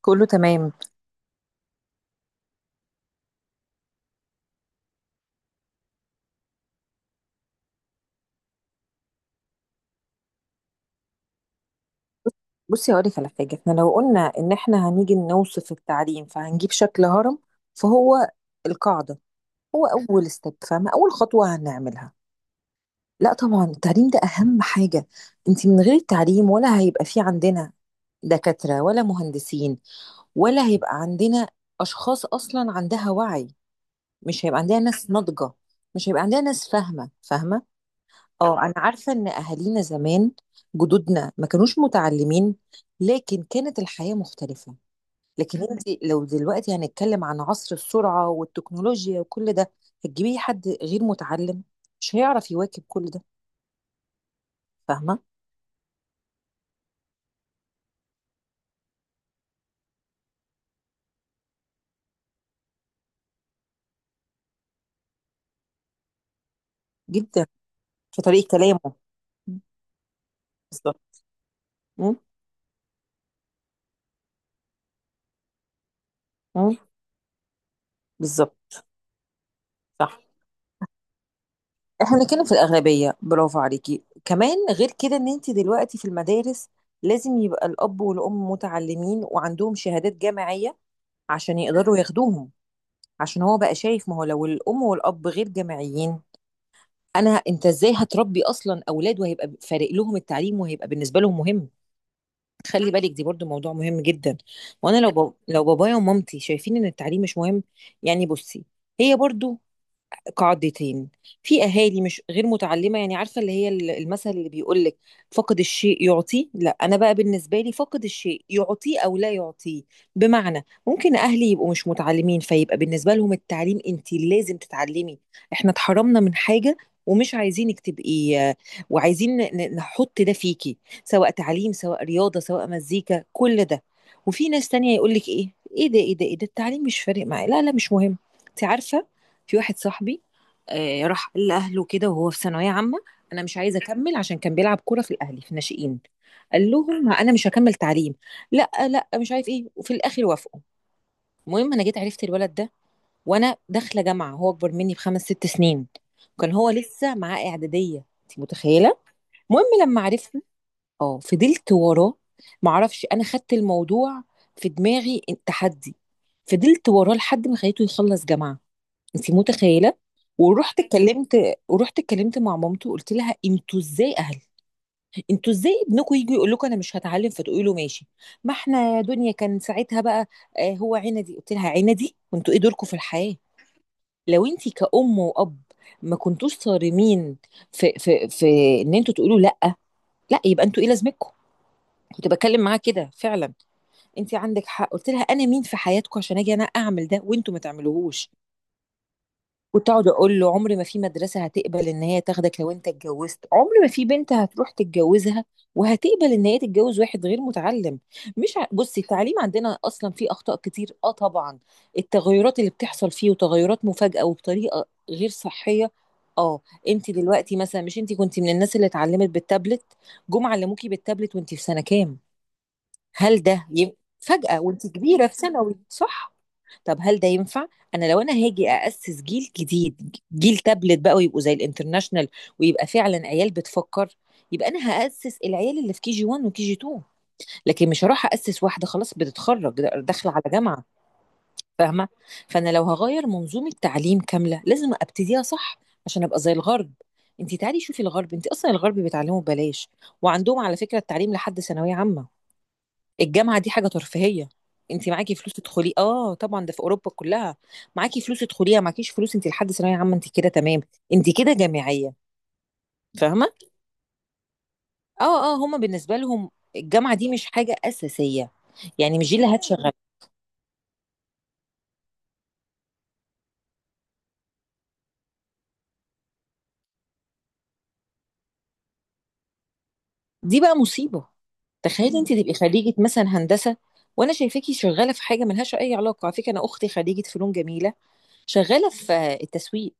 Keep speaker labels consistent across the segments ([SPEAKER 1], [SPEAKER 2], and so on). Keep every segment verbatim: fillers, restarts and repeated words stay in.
[SPEAKER 1] كله تمام. بص- بصي هقولك على حاجة، احنا لو قلنا ان احنا هنيجي نوصف التعليم فهنجيب شكل هرم، فهو القاعدة، هو اول ستيب، فاهمة؟ اول خطوة هنعملها. لا طبعا التعليم ده اهم حاجة. انت من غير التعليم ولا هيبقى في عندنا دكاترة ولا مهندسين، ولا هيبقى عندنا اشخاص اصلا عندها وعي، مش هيبقى عندنا ناس ناضجة، مش هيبقى عندنا ناس فاهمة فاهمة اه انا عارفه ان اهالينا زمان، جدودنا ما كانوش متعلمين، لكن كانت الحياه مختلفه. لكن انت لو دلوقتي هنتكلم عن عصر السرعه والتكنولوجيا وكل ده، هتجيبيه حد غير متعلم مش هيعرف يواكب كل ده. فاهمه؟ جدا، في طريقه كلامه. مم. بالظبط. م? م? بالظبط. صح، احنا بنتكلم في الاغلبيه. برافو عليكي. كمان غير كده ان انت دلوقتي في المدارس لازم يبقى الاب والام متعلمين وعندهم شهادات جامعيه عشان يقدروا ياخدوهم، عشان هو بقى شايف، ما هو لو الام والاب غير جامعيين، انا انت ازاي هتربي اصلا اولاد وهيبقى فارق لهم التعليم وهيبقى بالنسبه لهم مهم؟ خلي بالك دي برضو موضوع مهم جدا. وانا لو ب... لو بابايا ومامتي شايفين ان التعليم مش مهم، يعني بصي، هي برضو قاعدتين. في اهالي مش غير متعلمه يعني، عارفه اللي هي ال- المثل اللي بيقول لك فقد الشيء يعطيه؟ لا، انا بقى بالنسبه لي فقد الشيء يعطيه او لا يعطيه. بمعنى ممكن اهلي يبقوا مش متعلمين فيبقى بالنسبه لهم التعليم، انت لازم تتعلمي، احنا اتحرمنا من حاجه ومش عايزينك تبقي، وعايزين ن- نحط ده فيكي، سواء تعليم سواء رياضه سواء مزيكا كل ده. وفي ناس تانية يقول لك ايه؟ ايه ده ايه ده ايه ده، التعليم مش فارق معايا، لا لا مش مهم. انت عارفه، في واحد صاحبي آه، راح قال لأهله كده وهو في ثانوية عامة، أنا مش عايز أكمل، عشان كان بيلعب كورة في الأهلي في ناشئين. قال لهم أنا مش هكمل تعليم، لا لا مش عارف إيه، وفي الآخر وافقوا. المهم أنا جيت عرفت الولد ده وأنا داخلة جامعة، هو أكبر مني بخمس ست سنين، كان هو لسه معاه إعدادية، أنت متخيلة؟ المهم لما عرفنا، اه فضلت وراه، معرفش أنا خدت الموضوع في دماغي تحدي، فضلت وراه لحد ما خليته يخلص جامعة، انت متخيله؟ ورحت اتكلمت، ورحت اتكلمت مع مامته، قلت لها انتوا ازاي اهل؟ انتوا ازاي ابنكم يجي يقول لكم انا مش هتعلم فتقولي له ماشي؟ ما احنا يا دنيا كان ساعتها بقى آه هو عندي، قلت لها عندي وانتوا ايه دوركم في الحياه؟ لو انت كأم وأب ما كنتوش صارمين في في في ان انتوا تقولوا لا، لا يبقى انتوا ايه لازمتكم؟ كنت بتكلم معاها كده فعلا. انت عندك حق، قلت لها انا مين في حياتكم عشان اجي انا اعمل ده وانتوا ما تعملوهوش؟ كنت اقعد اقول له عمر ما في مدرسه هتقبل ان هي تاخدك، لو انت اتجوزت عمر ما في بنت هتروح تتجوزها وهتقبل ان هي تتجوز واحد غير متعلم. مش ع... بصي التعليم عندنا اصلا فيه اخطاء كتير، اه طبعا، التغيرات اللي بتحصل فيه وتغيرات مفاجئه وبطريقه غير صحيه. اه انت دلوقتي مثلا، مش انت كنت من الناس اللي اتعلمت بالتابلت؟ جم علموكي بالتابلت وانت في سنه كام؟ هل ده ي... فجأة وانت كبيرة في ثانوي، صح؟ طب هل ده ينفع؟ انا لو انا هاجي اسس جيل جديد، جيل تابلت بقى، ويبقوا زي الانترناشنال ويبقى فعلا عيال بتفكر، يبقى انا هاسس العيال اللي في كي جي واحد وكي جي اتنين، لكن مش هروح اسس واحده خلاص بتتخرج دا- داخله على جامعه. فاهمه؟ فانا لو هغير منظومه تعليم كامله لازم ابتديها صح عشان ابقى زي الغرب. انت تعالي شوفي الغرب، انت اصلا الغرب بيتعلموا ببلاش، وعندهم على فكره التعليم لحد ثانويه عامه، الجامعة دي حاجة ترفيهية. انت معاكي فلوس تدخلي، اه طبعا، ده في اوروبا كلها، معاكي فلوس تدخليها، معكيش فلوس انت لحد ثانوية عامة انت كده تمام، انت كده جامعية. فاهمة؟ اه اه، هما بالنسبة لهم الجامعة دي مش حاجة أساسية، يعني مش دي اللي هتشغل. دي بقى مصيبة، تخيلي انت تبقي خريجة مثلا هندسة وانا شايفاكي شغالة في حاجة ملهاش أي علاقة. على فكرة انا اختي خريجة فنون جميلة شغالة في التسويق،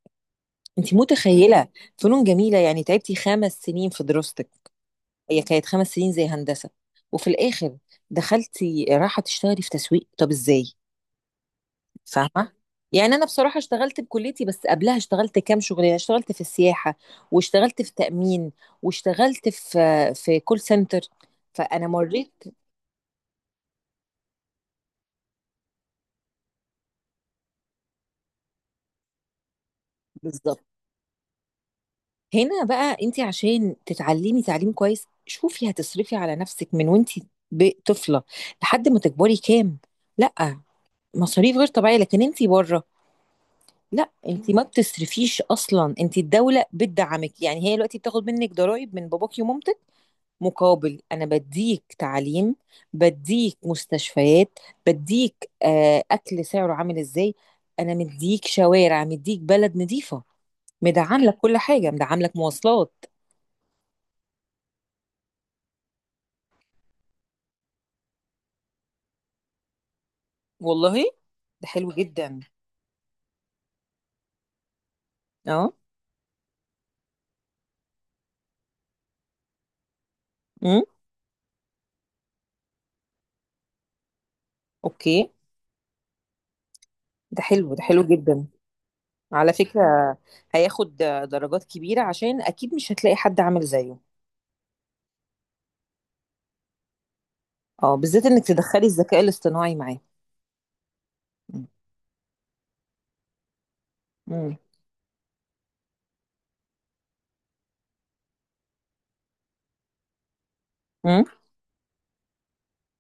[SPEAKER 1] انت متخيلة؟ فنون جميلة يعني تعبتي خمس سنين في دراستك، هي كانت خمس سنين زي هندسة، وفي الآخر دخلتي راحة تشتغلي في تسويق، طب إزاي؟ فاهمة؟ يعني أنا بصراحة اشتغلت بكليتي، بس قبلها اشتغلت كام شغلانة، اشتغلت في السياحة واشتغلت في تأمين واشتغلت في في كول سنتر، فأنا مريت. بالظبط، هنا بقى أنت عشان تتعلمي تعليم كويس شوفي، هتصرفي على نفسك من وأنت ب- طفلة لحد ما تكبري كام؟ لأ، مصاريف غير طبيعية. لكن أنت بره، لا انت ما بتصرفيش اصلا، انت الدوله بتدعمك، يعني هي دلوقتي بتاخد منك ضرائب من باباكي ومامتك، مقابل انا بديك تعليم، بديك مستشفيات، بديك آه اكل سعره عامل ازاي، انا مديك شوارع، مديك بلد نظيفه، مدعم لك كل حاجه، مدعم لك مواصلات. والله ده حلو جدا. اه. امم. اوكي، ده حلو ده حلو جدا. على فكره هياخد درجات كبيره عشان اكيد مش هتلاقي حد عامل زيه. اه بالذات انك تدخلي الذكاء الاصطناعي معاه. مم. مم. مم.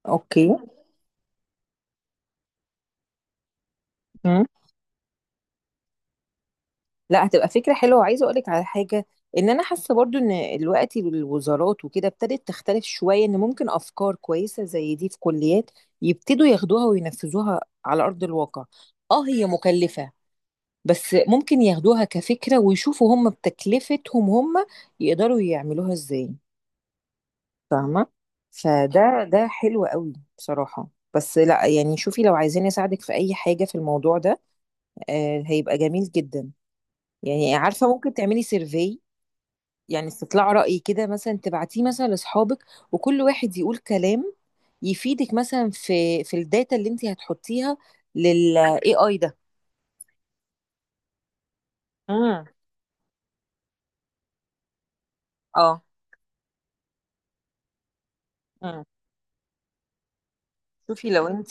[SPEAKER 1] اوكي. مم. لا هتبقى فكرة حلوة. وعايزة اقولك على حاجة، ان انا حاسة برضو ان الوقت الوزارات وكده ابتدت تختلف شوية، ان ممكن افكار كويسة زي دي في كليات يبتدوا ياخدوها وينفذوها على ارض الواقع. اه هي مكلفة، بس ممكن ياخدوها كفكرة ويشوفوا هم بتكلفتهم هم يقدروا يعملوها ازاي. فاهمة؟ فده ده حلو قوي بصراحة. بس لا يعني، شوفي لو عايزين اساعدك في اي حاجة في الموضوع ده آه هيبقى جميل جدا. يعني عارفة ممكن تعملي سيرفي، يعني استطلاع رأي كده، مثلا تبعتيه مثلا لاصحابك وكل واحد يقول كلام يفيدك مثلا في في الداتا اللي انت هتحطيها لل A I ده. امم. اه. امم. شوفي لو انت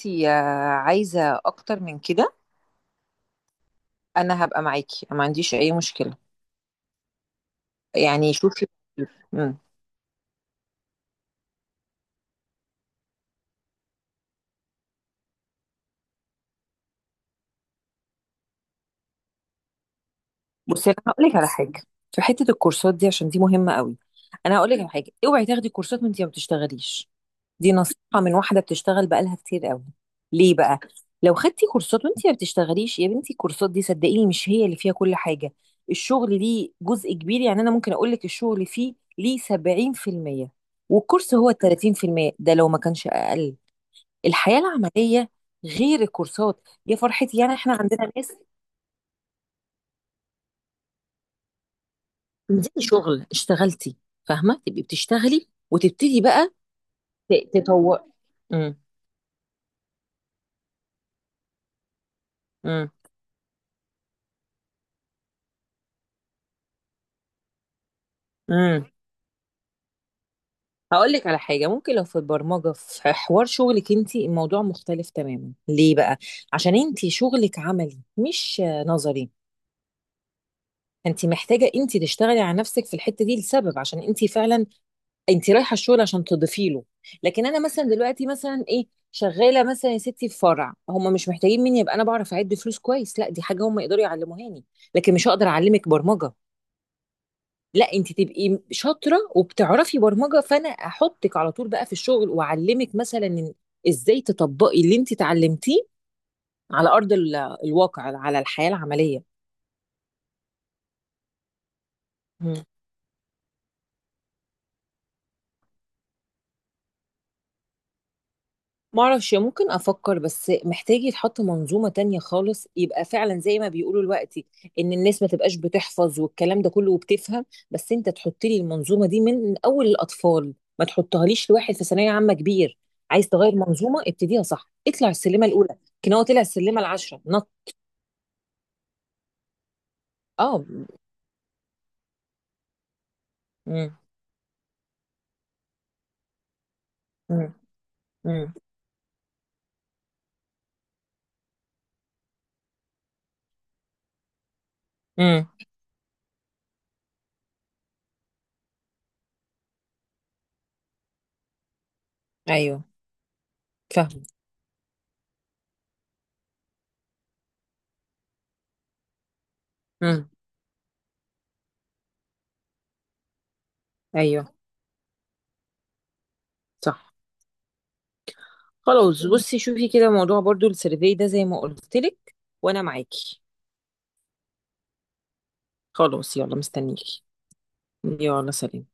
[SPEAKER 1] عايزة اكتر من كده، انا هبقى معاكي، ما عنديش اي مشكلة. يعني شوفي. مم. بصي انا هقول لك على حاجه، في حته الكورسات دي، عشان دي مهمه قوي. انا هقول لك على حاجه، اوعي تاخدي كورسات وانت ما بتشتغليش. دي نصيحه من واحده بتشتغل بقالها كتير قوي. ليه بقى؟ لو خدتي كورسات وانت ما بتشتغليش يا بنتي، الكورسات دي صدقيني مش هي اللي فيها كل حاجه، الشغل ليه جزء كبير. يعني انا ممكن اقول لك الشغل فيه ليه سبعين بالمية والكورس هو تلاتين بالمية، ده لو ما كانش اقل. الحياه العمليه غير الكورسات يا فرحتي، يعني احنا عندنا ناس. دي شغل اشتغلتي، فاهمه؟ تبقي بتشتغلي وتبتدي بقى ت- تطور. امم. امم. امم. هقول لك على حاجه، ممكن لو في البرمجه في حوار شغلك انت الموضوع مختلف تماما. ليه بقى؟ عشان انت شغلك عملي مش آه، نظري، انت محتاجه انت تشتغلي على نفسك في الحته دي، لسبب، عشان انت فعلا انت رايحه الشغل عشان تضيفي له. لكن انا مثلا دلوقتي مثلا ايه، شغاله مثلا يا ستي في فرع، هم مش محتاجين مني يبقى انا بعرف اعد فلوس كويس، لا دي حاجه هم يقدروا يعلموهاني، لكن مش هقدر اعلمك برمجه. لا انت تبقي شاطره وبتعرفي برمجه، فانا احطك على طول بقى في الشغل واعلمك مثلا إن ازاي تطبقي اللي انت اتعلمتيه على ارض ال- الواقع، على الحياه العمليه. معرفش ممكن افكر، بس محتاج يتحط منظومة تانية خالص، يبقى فعلا زي ما بيقولوا دلوقتي ان الناس ما تبقاش بتحفظ والكلام ده كله وبتفهم، بس انت تحط لي المنظومة دي من اول الاطفال، ما تحطهاليش لواحد في ثانوية عامة كبير. عايز تغير منظومة ابتديها صح، اطلع السلمة الاولى، لكن هو طلع السلمة العشرة نط. اه. امم. امم. امم. امم. ايوه فاهم. امم. ايوه صح. خلاص بصي شوفي كده موضوع برضو السيرفي ده زي ما قلت لك، وانا معاكي. خلاص يلا مستنيكي. يلا سلام.